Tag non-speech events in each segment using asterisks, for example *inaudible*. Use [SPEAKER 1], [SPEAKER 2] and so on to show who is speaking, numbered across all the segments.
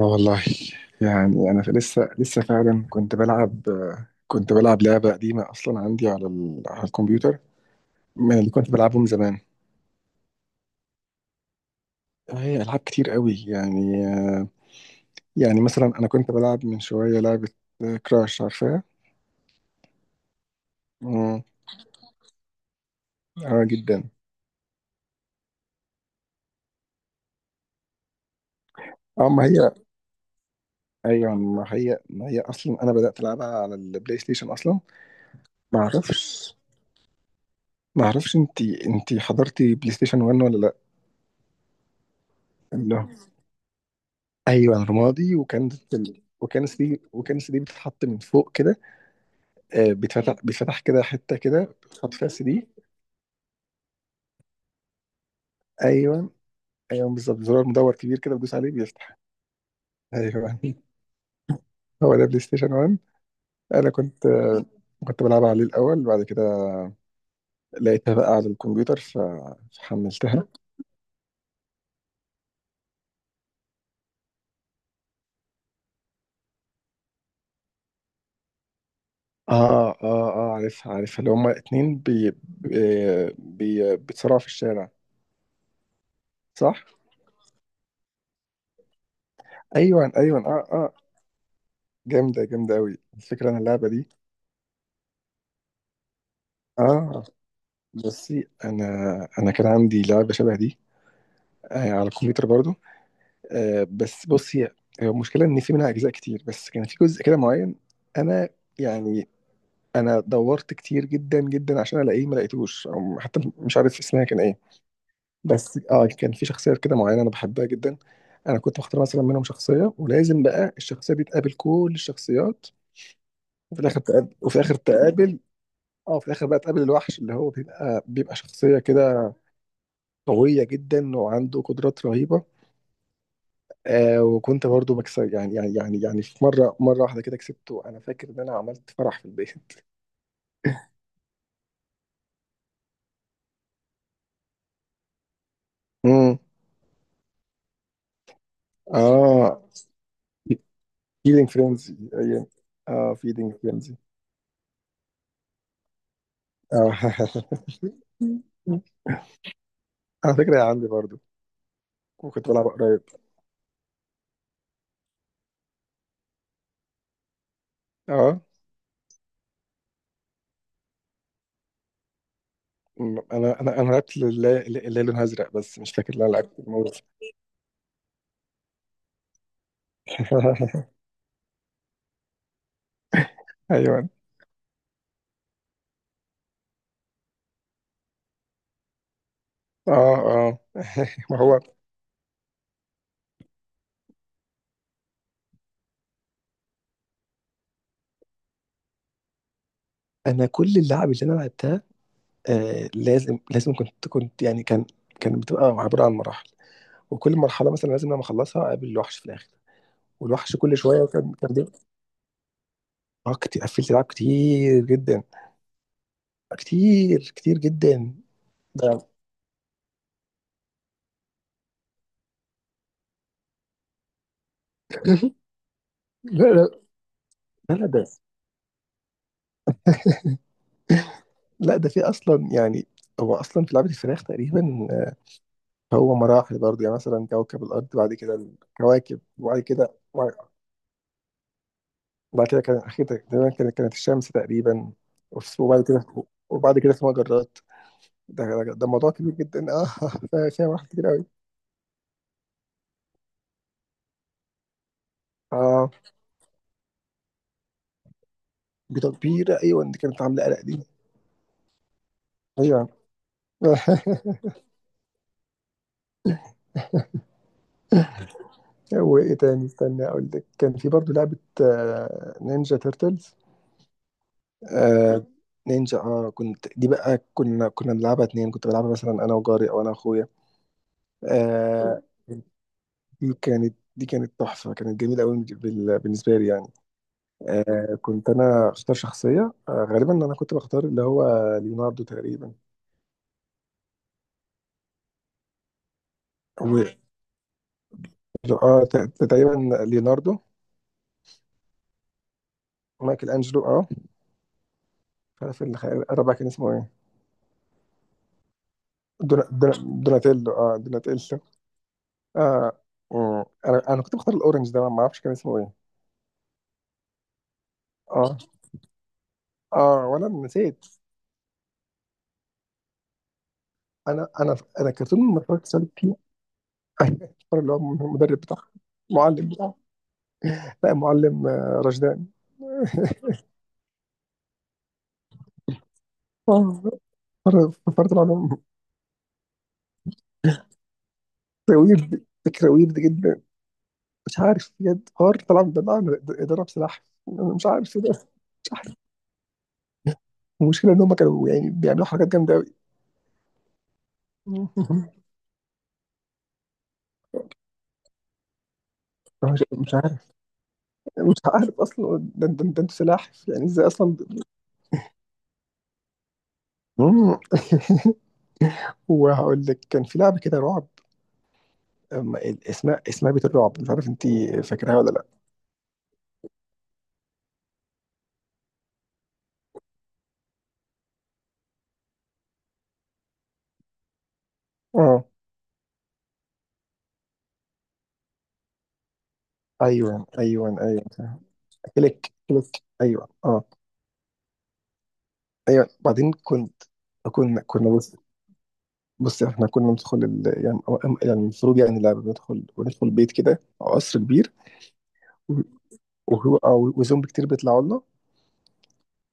[SPEAKER 1] اه، والله. يعني انا لسه فعلا كنت بلعب لعبه قديمه اصلا عندي على الكمبيوتر، من اللي كنت بلعبهم زمان. هي العاب كتير قوي يعني، يعني مثلا انا كنت بلعب من شويه لعبه كراش، عارفها؟ امم اه، جدا. اه، ما هي، ايوه، ما هي اصلا انا بدات العبها على البلاي ستيشن اصلا. ما اعرفش ما اعرفش انت حضرتي، بلاي ستيشن 1 ولا لا؟ لا، ايوه رمادي، وكان السي دي بتتحط من فوق كده. آه، بيتفتح كده، حته كده بتحط فيها السي دي. ايوه، ايوه بالظبط، زرار مدور كبير كده بتدوس عليه بيفتح. ايوه، هو ده بلاي ستيشن 1. انا كنت آه، كنت بلعب عليه الاول، بعد كده لقيتها بقى على الكمبيوتر فحملتها. اه اه اه، عارفها عارفها، اللي هما اتنين بيتصارعوا في الشارع، صح؟ ايوه ايوه، اه اه. جامده، جامده قوي الفكره، انا اللعبه دي. اه، بصي انا كان عندي لعبه شبه دي، آه، على الكمبيوتر برضو. آه، بس بصي، هي المشكله ان في منها اجزاء كتير، بس كان في جزء كده معين انا، يعني انا دورت كتير جدا جدا عشان الاقيه، ما لقيتوش او حتى مش عارف اسمها كان ايه. بس اه كان في شخصيه كده معينه انا بحبها جدا. انا كنت بختار مثلا منهم شخصيه، ولازم بقى الشخصيه دي تقابل كل الشخصيات، وفي الاخر تقابل، وفي الاخر تقابل. اه، في الاخر بقى تقابل الوحش، اللي هو بيبقى شخصيه كده قوية جدا وعنده قدرات رهيبة. آه، وكنت برضو بكسب يعني في مرة، مرة واحدة كده كسبته، أنا فاكر إن أنا عملت فرح في البيت. *laughs* امم اه، فيلينج فرينزي أيام. اه، فيلينج فرينزي. اه. *laughs* على فكرة يا، عندي برضو، وكنت بلعب قريب. اه، أنا لعبت اللي، اللي لونها أزرق، بس مش فاكر اللي أنا لعبت الموز. *laughs* أيوه. اه اه. *laughs* ما هو، أنا كل اللعب اللي أنا لعبتها آه، لازم كنت يعني كانت بتبقى عبارة عن مراحل، وكل مرحلة مثلا لازم لما أخلصها أقابل الوحش في الآخر، والوحش كل شوية كان بيبقى. اه، كتير، قفلت ألعاب كتير جدا، كتير كتير جدا ده. *laughs* لا لا لا لا، ده لا، ده في أصلا يعني، هو أصلا في لعبة الفراخ تقريبا آه، هو مراحل برضه يعني، مثلا كوكب الأرض، بعد كده الكواكب، وبعد كده وبعد كده كان أخيرا تقريبا، كانت الشمس تقريبا، وبعد كده وبعد كده في مجرات. ده موضوع كبير جدا، اه. *laughs* فيها مراحل كتير قوي. اه بتكبيرة، ايوه، دي كانت عاملة قلق دي. ايوه. *laughs* وايه تاني، استنى اقول لك، كان في برضه لعبة آه، نينجا تيرتلز، آه نينجا. اه كنت دي بقى، كنا بنلعبها اتنين، كنت بلعبها مثلا انا وجاري، او انا واخويا، آه. دي كانت تحفة، كانت جميلة قوي بالنسبة لي يعني. كنت انا اختار شخصية آه، غالبا انا كنت بختار اللي هو ليوناردو تقريبا. اه، تقريبا ليوناردو. مايكل انجلو، اه. مش عارف الرابع كان اسمه ايه؟ دونا- دونا- دوناتيلو، اه دوناتيلو. اه. مم. انا كنت بختار الاورنج ده، ما اعرفش كان اسمه ايه. اه، اه ولا أنا نسيت. انا كرتون ما اتفرجتش عليه كتير. *laughs* الكرتون اللي هو المدرب بتاعه، معلم بتاعه، لا معلم آه، رشدان. *laughs* اه، مرة فكرت العلوم. فكرة ويرد، فكرة ويرد جدا. مش عارف بجد، حوار طلع من دماغي، ضرب سلاح، أنا مش عارف إيه ده. المشكلة إن هم كانوا يعني بيعملوا حركات جامدة أوي. *laughs* مش عارف، مش عارف أصلا ده، ده أنتوا سلاحف، يعني إزاي أصلا مم. *laughs* وهقول لك، كان في لعبة كده رعب، اسمها بيت الرعب، مش عارف أنت فاكراها ولا لأ. أه، أيوه أيوه أيوه. كليك كليك، أيوه، أه. أيوه، بعدين كنت، كنا بص، احنا كنا ندخل ال... يعني يعني المفروض، يعني اللعبة بندخل وندخل بيت كده، قصر كبير، و- وهو أو وزومبي كتير بيطلعوا لنا،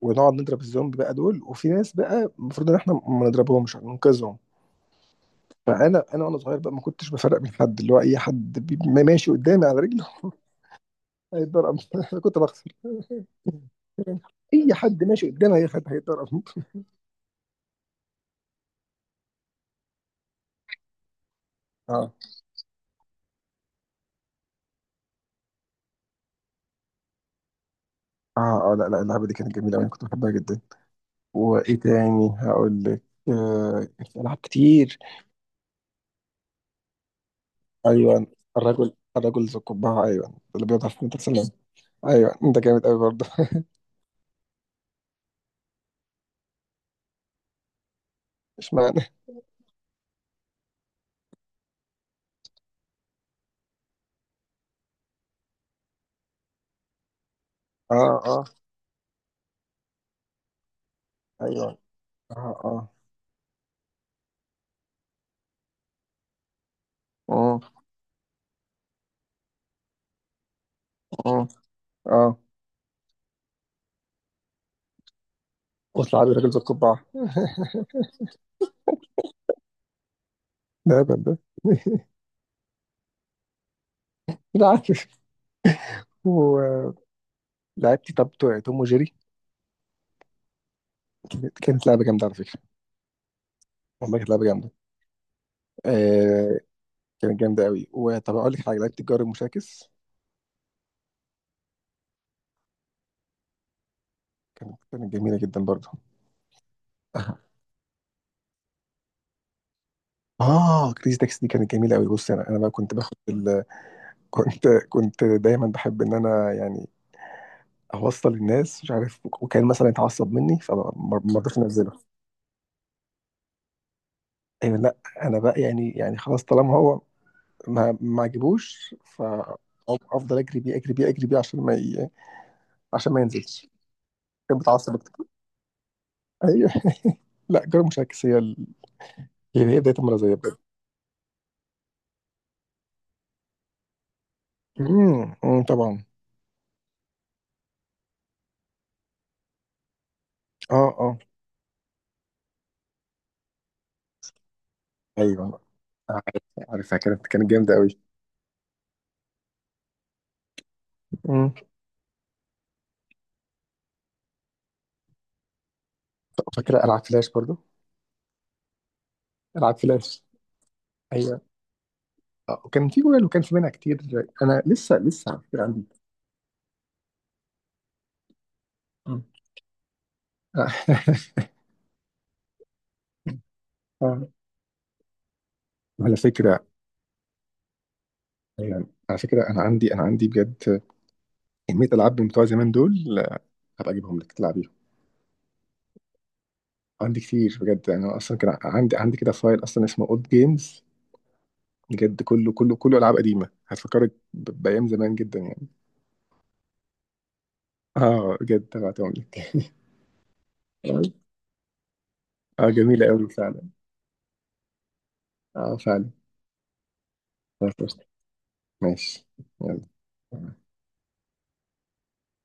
[SPEAKER 1] ونقعد نضرب الزومبي بقى دول، وفي ناس بقى المفروض ان احنا ما نضربهمش، ننقذهم. فانا، وانا صغير بقى ما كنتش بفرق بين حد، اللي هو اي حد ما ماشي قدامي على رجله. *laughs* هيتضرب، انا كنت بخسر. *laughs* اي حد ماشي قدامي، هي حد هيتضرب. *laughs* اه اه اه، لا لا، اللعبه دي كانت جميله أوي، انا كنت بحبها جدا. وايه تاني هقول لك، آه في العاب كتير. ايوه، الرجل ذو القبعه، ايوه اللي بيضعف في المدرسه. ايوه انت جامد قوي برضه. *laughs* اشمعنى؟ اه اه، ايوه، اه اه اه اه اه، قلت لعبي راجل ذو القبعة. *laughs* ده هبل ده. *laughs* لا، عارف. ولعبت، طب بتوع توم وجيري كانت لعبة جامدة على فكرة. والله كانت لعبة جامدة، آه. كانت جامدة قوي. وطب أقول لك حاجة، لعبت الجار المشاكس، كانت جميلة جدا برضه. *laughs* اه، كريزي تاكسي دي كانت جميله قوي. بص انا، انا بقى كنت باخد ال... *laughs* كنت دايما بحب ان انا يعني، اوصل الناس مش عارف، وكان مثلا يتعصب مني، فما ما رضيتش انزله. ايوه، لا، انا بقى يعني، يعني خلاص، طالما هو ما عجبوش، فافضل اجري بيه اجري بيه اجري بيه عشان ما ي... عشان ما ينزلش. كان بتعصب اكتر. ايوه. *laughs* لا جرى مش عكس، هي بدايه المرضيه بجد. أمم، أمم، طبعا. اه اه، ايوه عارف، عارفها كانت جامده قوي. امم، طب فاكره العاب فلاش برضو؟ العاب فلاش، ايوه آه، وكان في جوال وكان في منها كتير. انا لسه على فكره عندي. أمم. آه. *laughs* آه. على فكره، يعني على فكره، انا عندي بجد كميه العاب بتوع زمان دول، هبقى اجيبهم لك تلعبيهم. عندي كتير بجد، يعني انا اصلا كان عندي كده فايل اصلا اسمه اولد جيمز، بجد كله كله كله العاب قديمه، هتفكرك بايام زمان جدا يعني. اه بجد هبعتهم لك. *laughs* اه جميله قوي فعلا، اه فعلا. ماشي، يلا.